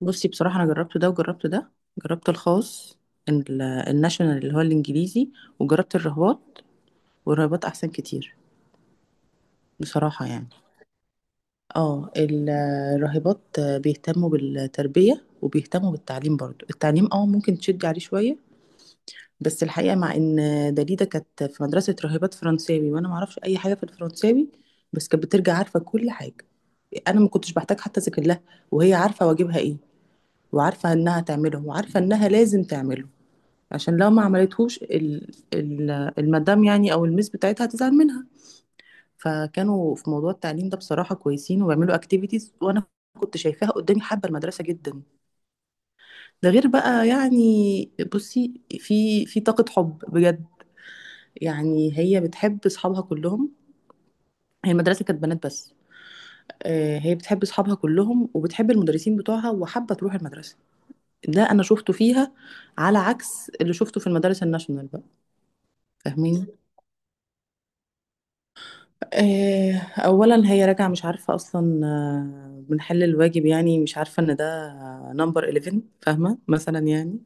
بصي بصراحة أنا جربت ده وجربت ده. جربت الخاص، الناشونال اللي هو الإنجليزي، وجربت الرهبات. والرهبات أحسن كتير بصراحة. يعني اه ال- الراهبات بيهتموا بالتربية وبيهتموا بالتعليم، برضو التعليم ممكن تشدي عليه شوية. بس الحقيقة، مع ان دليدة كانت في مدرسة راهبات فرنساوي وانا معرفش اي حاجة في الفرنساوي، بس كانت بترجع عارفة كل حاجة. انا ما كنتش بحتاج حتى اذاكر لها، وهي عارفة واجبها ايه، وعارفة انها تعمله وعارفة انها لازم تعمله، عشان لو ما عملتهوش المدام يعني او المس بتاعتها هتزعل منها. فكانوا في موضوع التعليم ده بصراحة كويسين، وبيعملوا اكتيفيتيز، وانا كنت شايفاها قدامي حابة المدرسة جدا. ده غير بقى يعني، بصي، في طاقة حب بجد. يعني هي بتحب اصحابها كلهم، هي المدرسة كانت بنات بس. هي بتحب اصحابها كلهم وبتحب المدرسين بتوعها وحابة تروح المدرسة، ده انا شفته فيها، على عكس اللي شفته في المدارس الناشونال بقى. فاهمين؟ اولا هي راجعه مش عارفه اصلا، بنحل الواجب يعني، مش عارفه ان ده نمبر 11 فاهمه، مثلا يعني.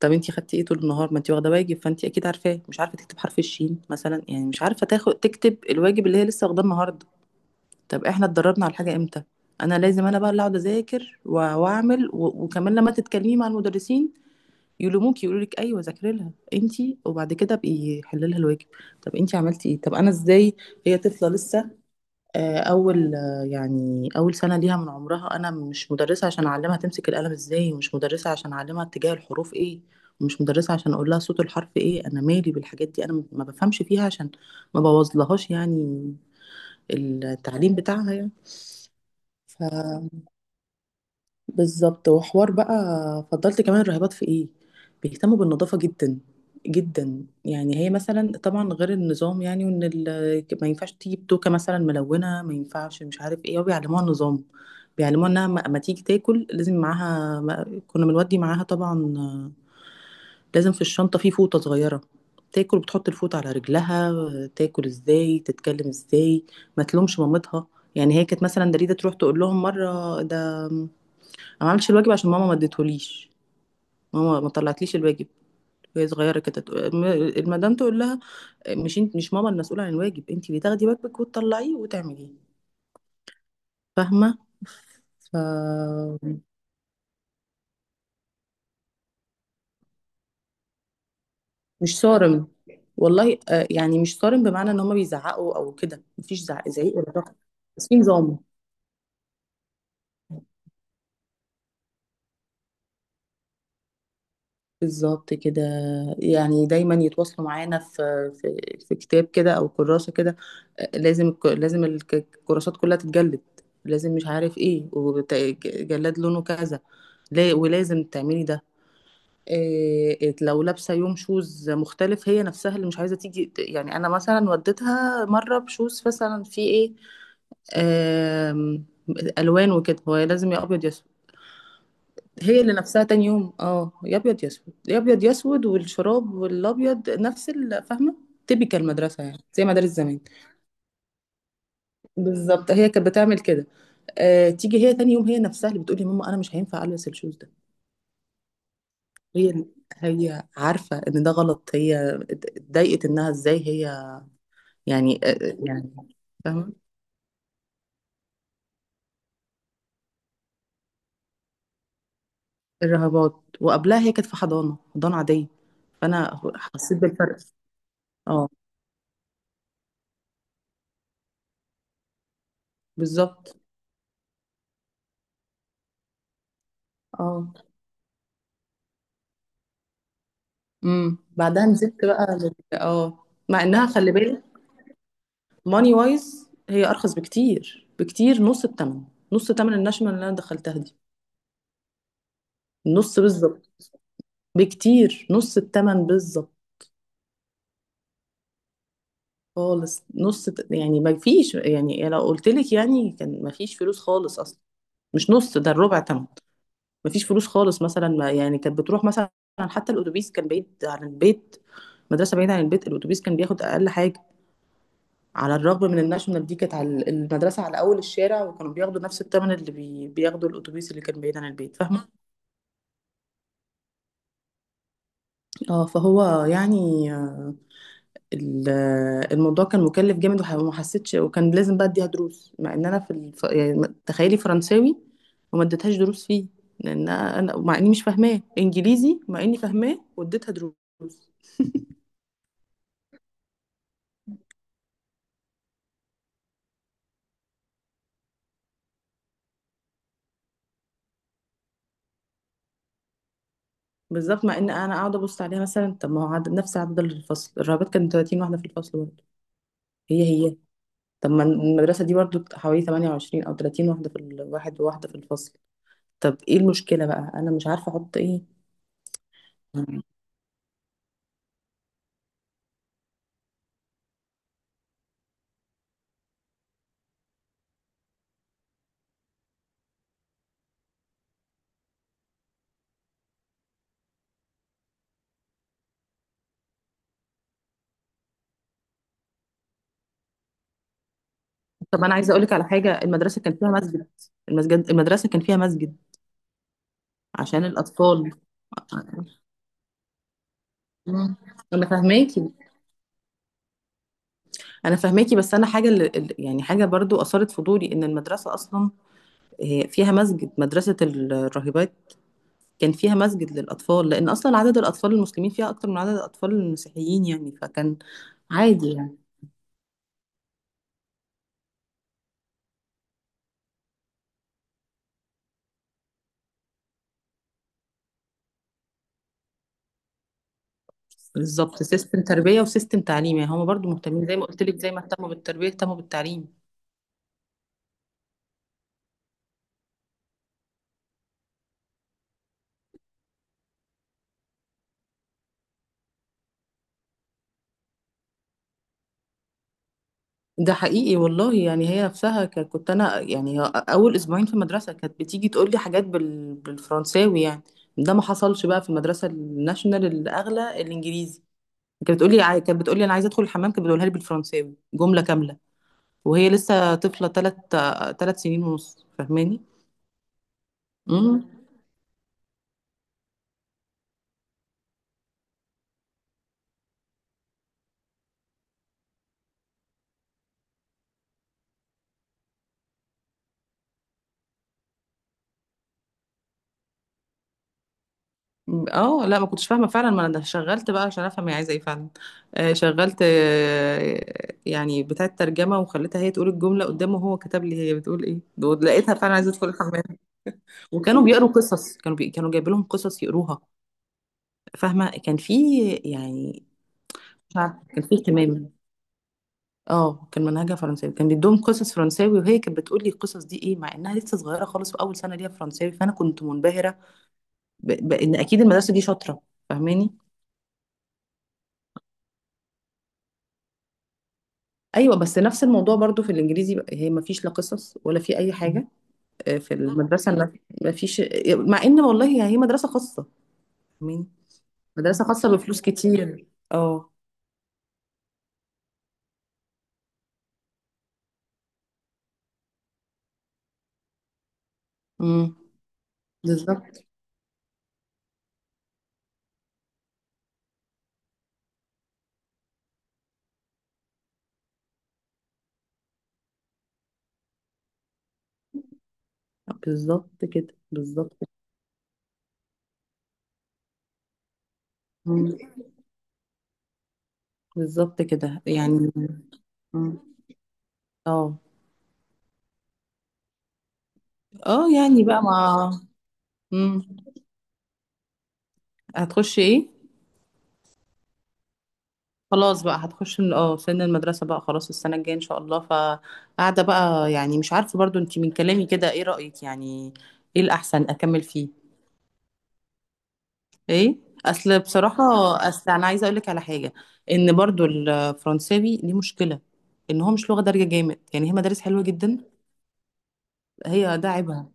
طب انتي خدتي ايه طول النهار؟ ما انتي واخده واجب فانتي اكيد عارفاه. مش عارفه تكتب حرف الشين مثلا يعني، مش عارفه تاخد تكتب الواجب اللي هي لسه واخداه النهارده. طب احنا اتدربنا على الحاجه امتى؟ انا لازم انا بقى اللي اقعد اذاكر واعمل وكمان لما تتكلمي مع المدرسين يلوموك، يقولوا لك: ايوه ذاكري لها انتي، وبعد كده بقي حللها الواجب. طب انتي عملتي ايه؟ طب انا ازاي؟ هي طفله لسه. آه، اول آه، يعني اول سنه ليها من عمرها. انا مش مدرسه عشان اعلمها تمسك القلم ازاي، ومش مدرسه عشان اعلمها اتجاه الحروف ايه، ومش مدرسه عشان اقول لها صوت الحرف ايه. انا مالي بالحاجات دي، انا ما بفهمش فيها، عشان ما بوظلهاش يعني التعليم بتاعها يعني. ف بالظبط، وحوار بقى. فضلت كمان الراهبات في ايه؟ بيهتموا بالنظافة جدا جدا. يعني هي مثلا طبعا غير النظام يعني، وان ما ينفعش تجيب توكة مثلا ملونة، ما ينفعش مش عارف ايه، وبيعلموها النظام. بيعلموها انها ما تيجي تاكل لازم معاها كنا بنودي معاها طبعا، لازم في الشنطة في فوطة صغيرة، تاكل بتحط الفوطة على رجلها، تاكل ازاي، تتكلم ازاي، ما تلومش مامتها. يعني هي كانت مثلا دريدة تروح تقول لهم مرة: ده انا ما عملتش الواجب عشان ماما ما اديتهوليش، ماما ما طلعتليش الواجب. وهي صغيره كده، المدام تقول لها: مش انت؟ مش ماما المسؤوله عن الواجب، انت اللي تاخدي واجبك وتطلعيه وتعمليه. فاهمه؟ ف مش صارم، والله. يعني مش صارم بمعنى ان هما بيزعقوا او كده، مفيش زعق زعيق ولا ضغط، بس في نظام. بالظبط كده. يعني دايما يتواصلوا معانا في، في كتاب كده او كراسه كده. لازم الكراسات كلها تتجلد، لازم مش عارف ايه، وجلاد لونه كذا، ولازم تعملي ده. إيه لو لابسه يوم شوز مختلف؟ هي نفسها اللي مش عايزه تيجي يعني، انا مثلا وديتها مره بشوز مثلا في ايه، آم، الوان وكده. هو لازم يا ابيض يا… هي اللي نفسها تاني يوم يا ابيض يا اسود، يا ابيض يا اسود، والشراب والابيض نفس فاهمه؟ تبيكال المدرسه يعني، زي مدارس زمان. بالظبط، هي كانت بتعمل كده. تيجي هي تاني يوم، هي نفسها اللي بتقولي: يا ماما انا مش هينفع البس الشوز ده. هي هي عارفه ان ده غلط، هي اتضايقت انها ازاي هي يعني. يعني فاهمه. الرهبات. وقبلها هي كانت في حضانه، حضانه عاديه. فانا حسيت بالفرق. اه. بالظبط. اه. بعدها نزلت بقى لل... اه مع انها، خلي بالك، ماني وايز هي ارخص بكتير بكتير، نص الثمن. نص الثمن الناشونال اللي انا دخلتها دي. نص بالظبط. بكتير، نص الثمن بالظبط. خالص، نص يعني، ما فيش يعني، لو قلت لك يعني كان ما فيش فلوس خالص اصلا. مش نص، ده الربع ثمن. ما فيش فلوس خالص، مثلا ما يعني كانت بتروح مثلا، حتى الاتوبيس كان بعيد عن البيت. مدرسه بعيده عن البيت، الاتوبيس كان بياخد اقل حاجه، على الرغم من الناشونال دي كانت على المدرسة على أول الشارع، وكانوا بياخدوا نفس الثمن اللي بياخدوا الأتوبيس اللي كان بعيد عن البيت. فاهمة؟ اه، فهو يعني، الموضوع كان مكلف جامد، وما حسيتش، وكان لازم بقى أديها دروس، مع إن أنا يعني تخيلي، فرنساوي وما اديتهاش دروس فيه، لأن أنا مع إني مش فاهماه. إنجليزي مع إني فاهماه، واديتها دروس. بالظبط. مع إن أنا قاعدة أبص عليها مثلا، طب ما هو عدد نفس عدد الفصل. الرهبات كانت 30 واحدة في الفصل برضه، هي. طب ما المدرسة دي برضو حوالي 28 أو 30 واحدة في الواحد، وواحدة في الفصل. طب ايه المشكلة بقى؟ أنا مش عارفة أحط ايه. طب أنا عايزة أقولك على حاجة: المدرسة كان فيها مسجد. المدرسة كان فيها مسجد عشان الأطفال. مم. أنا فاهماكي. أنا فاهماكي، بس أنا حاجة يعني حاجة برضو أثارت فضولي، إن المدرسة أصلا، فيها مسجد. مدرسة الراهبات كان فيها مسجد للأطفال، لأن أصلا عدد الأطفال المسلمين فيها أكتر من عدد الأطفال المسيحيين، يعني فكان عادي يعني. بالظبط، سيستم تربية وسيستم تعليم. يعني هما برضو مهتمين، زي ما قلت لك، زي ما اهتموا بالتربية اهتموا بالتعليم. ده حقيقي والله. يعني هي نفسها كنت انا يعني اول اسبوعين في المدرسة كانت بتيجي تقول لي حاجات بالفرنساوي يعني. ده ما حصلش بقى في المدرسة الناشونال الاغلى الانجليزي. كانت بتقول لي انا عايزة ادخل الحمام. كانت بتقولها لي بالفرنساوي جملة كاملة، وهي لسه طفلة ثلاث سنين ونص، فاهماني؟ اه لا، ما كنتش فاهمه فعلا. ما انا شغلت بقى عشان افهم هي عايزه ايه فعلا. شغلت يعني بتاعه ترجمه، وخليتها هي تقول الجمله قدامه، وهو كتب لي هي بتقول ايه. دول لقيتها فعلا عايزه ادخل الحمام. وكانوا بيقروا قصص، كانوا جايبين لهم قصص يقروها، فاهمه؟ كان في يعني، مش عارفة، كان في اهتمام. اه، كان منهجها فرنساوي، كان بيدوهم قصص فرنساوي، وهي كانت بتقول لي القصص دي ايه، مع انها لسه صغيره خالص واول سنه ليها فرنساوي، فانا كنت منبهره بان اكيد المدرسه دي شاطره، فاهماني؟ ايوه، بس نفس الموضوع برضو في الانجليزي بقى، هي ما فيش لا قصص ولا في اي حاجه. في المدرسه ما، ما فيش. مع ان، والله يعني، هي مدرسه خاصه. مين؟ مدرسه خاصه بفلوس كتير، اه. امم. بالظبط. بالظبط كده بالظبط. مم. بالظبط كده يعني. مم. اه. اه يعني بقى مع. مم. هتخش ايه؟ خلاص بقى هتخش من سن المدرسة بقى، خلاص، السنة الجاية ان شاء الله. فقاعدة بقى، يعني مش عارفة، برضو انتي من كلامي كده ايه رأيك يعني؟ ايه الأحسن اكمل فيه؟ ايه؟ اصل بصراحة، اصل انا عايزة اقولك على حاجة: ان برضو الفرنساوي دي مشكلة، ان هو مش لغة دارجة جامد. يعني هي مدارس حلوة جدا، هي ده عيبها.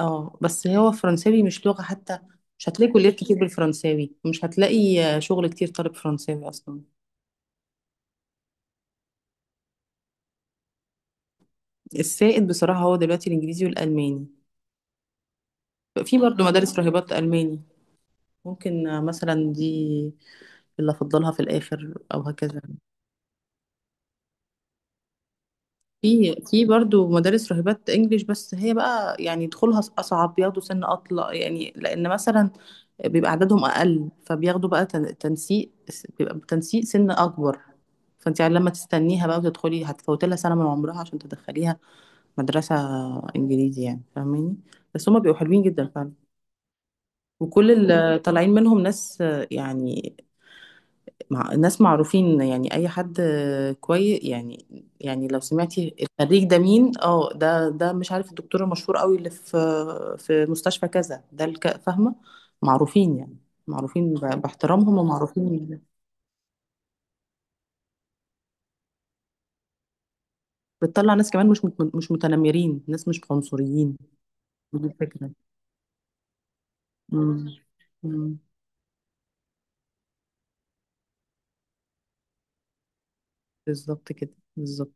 اه بس هو فرنساوي مش لغة حتى. مش هتلاقي كليات كتير بالفرنساوي، مش هتلاقي شغل كتير طالب فرنساوي اصلا. السائد بصراحة هو دلوقتي الانجليزي والالماني. في برضه مدارس راهبات ألماني. ممكن مثلا دي اللي أفضلها في الآخر، أو هكذا. في برضه مدارس راهبات إنجليش، بس هي بقى يعني دخولها أصعب، بياخدوا سن أطلع، يعني لأن مثلا بيبقى عددهم أقل، فبياخدوا بقى تنسيق، بيبقى تنسيق سن أكبر. فأنت يعني لما تستنيها بقى وتدخلي، هتفوتي لها سنة من عمرها عشان تدخليها مدرسة إنجليزي، يعني فاهماني؟ بس هما بيبقوا حلوين جدا فعلا، وكل اللي طالعين منهم ناس يعني، مع ناس معروفين، يعني اي حد كويس يعني. يعني لو سمعتي الخريج ده مين، ده مش عارف، الدكتور المشهور قوي اللي في في مستشفى كذا ده، فاهمه؟ معروفين يعني، معروفين باحترامهم ومعروفين. بتطلع ناس كمان مش متنمرين، ناس مش عنصريين. دي الفكره. امم. أمم. بالظبط كده بالظبط.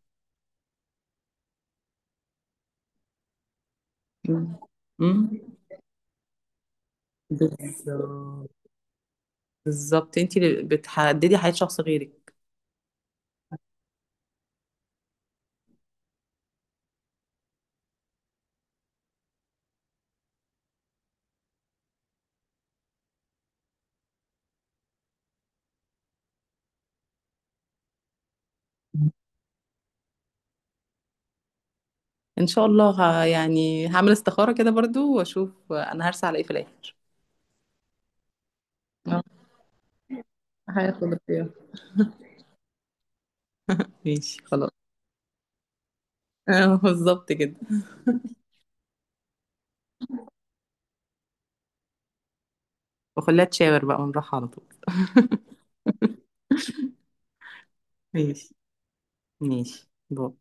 أمم. أمم. بالظبط. بالظبط، انت اللي بتحددي حياه شخص غيرك. ان شاء الله، يعني هعمل استخارة كده برضو، واشوف انا هرسى على ايه في الاخر. اه. هياخد اختيار. ماشي، خلاص. بالظبط كده. وخليها تشاور بقى ونروح على طول. ماشي. ماشي. باي.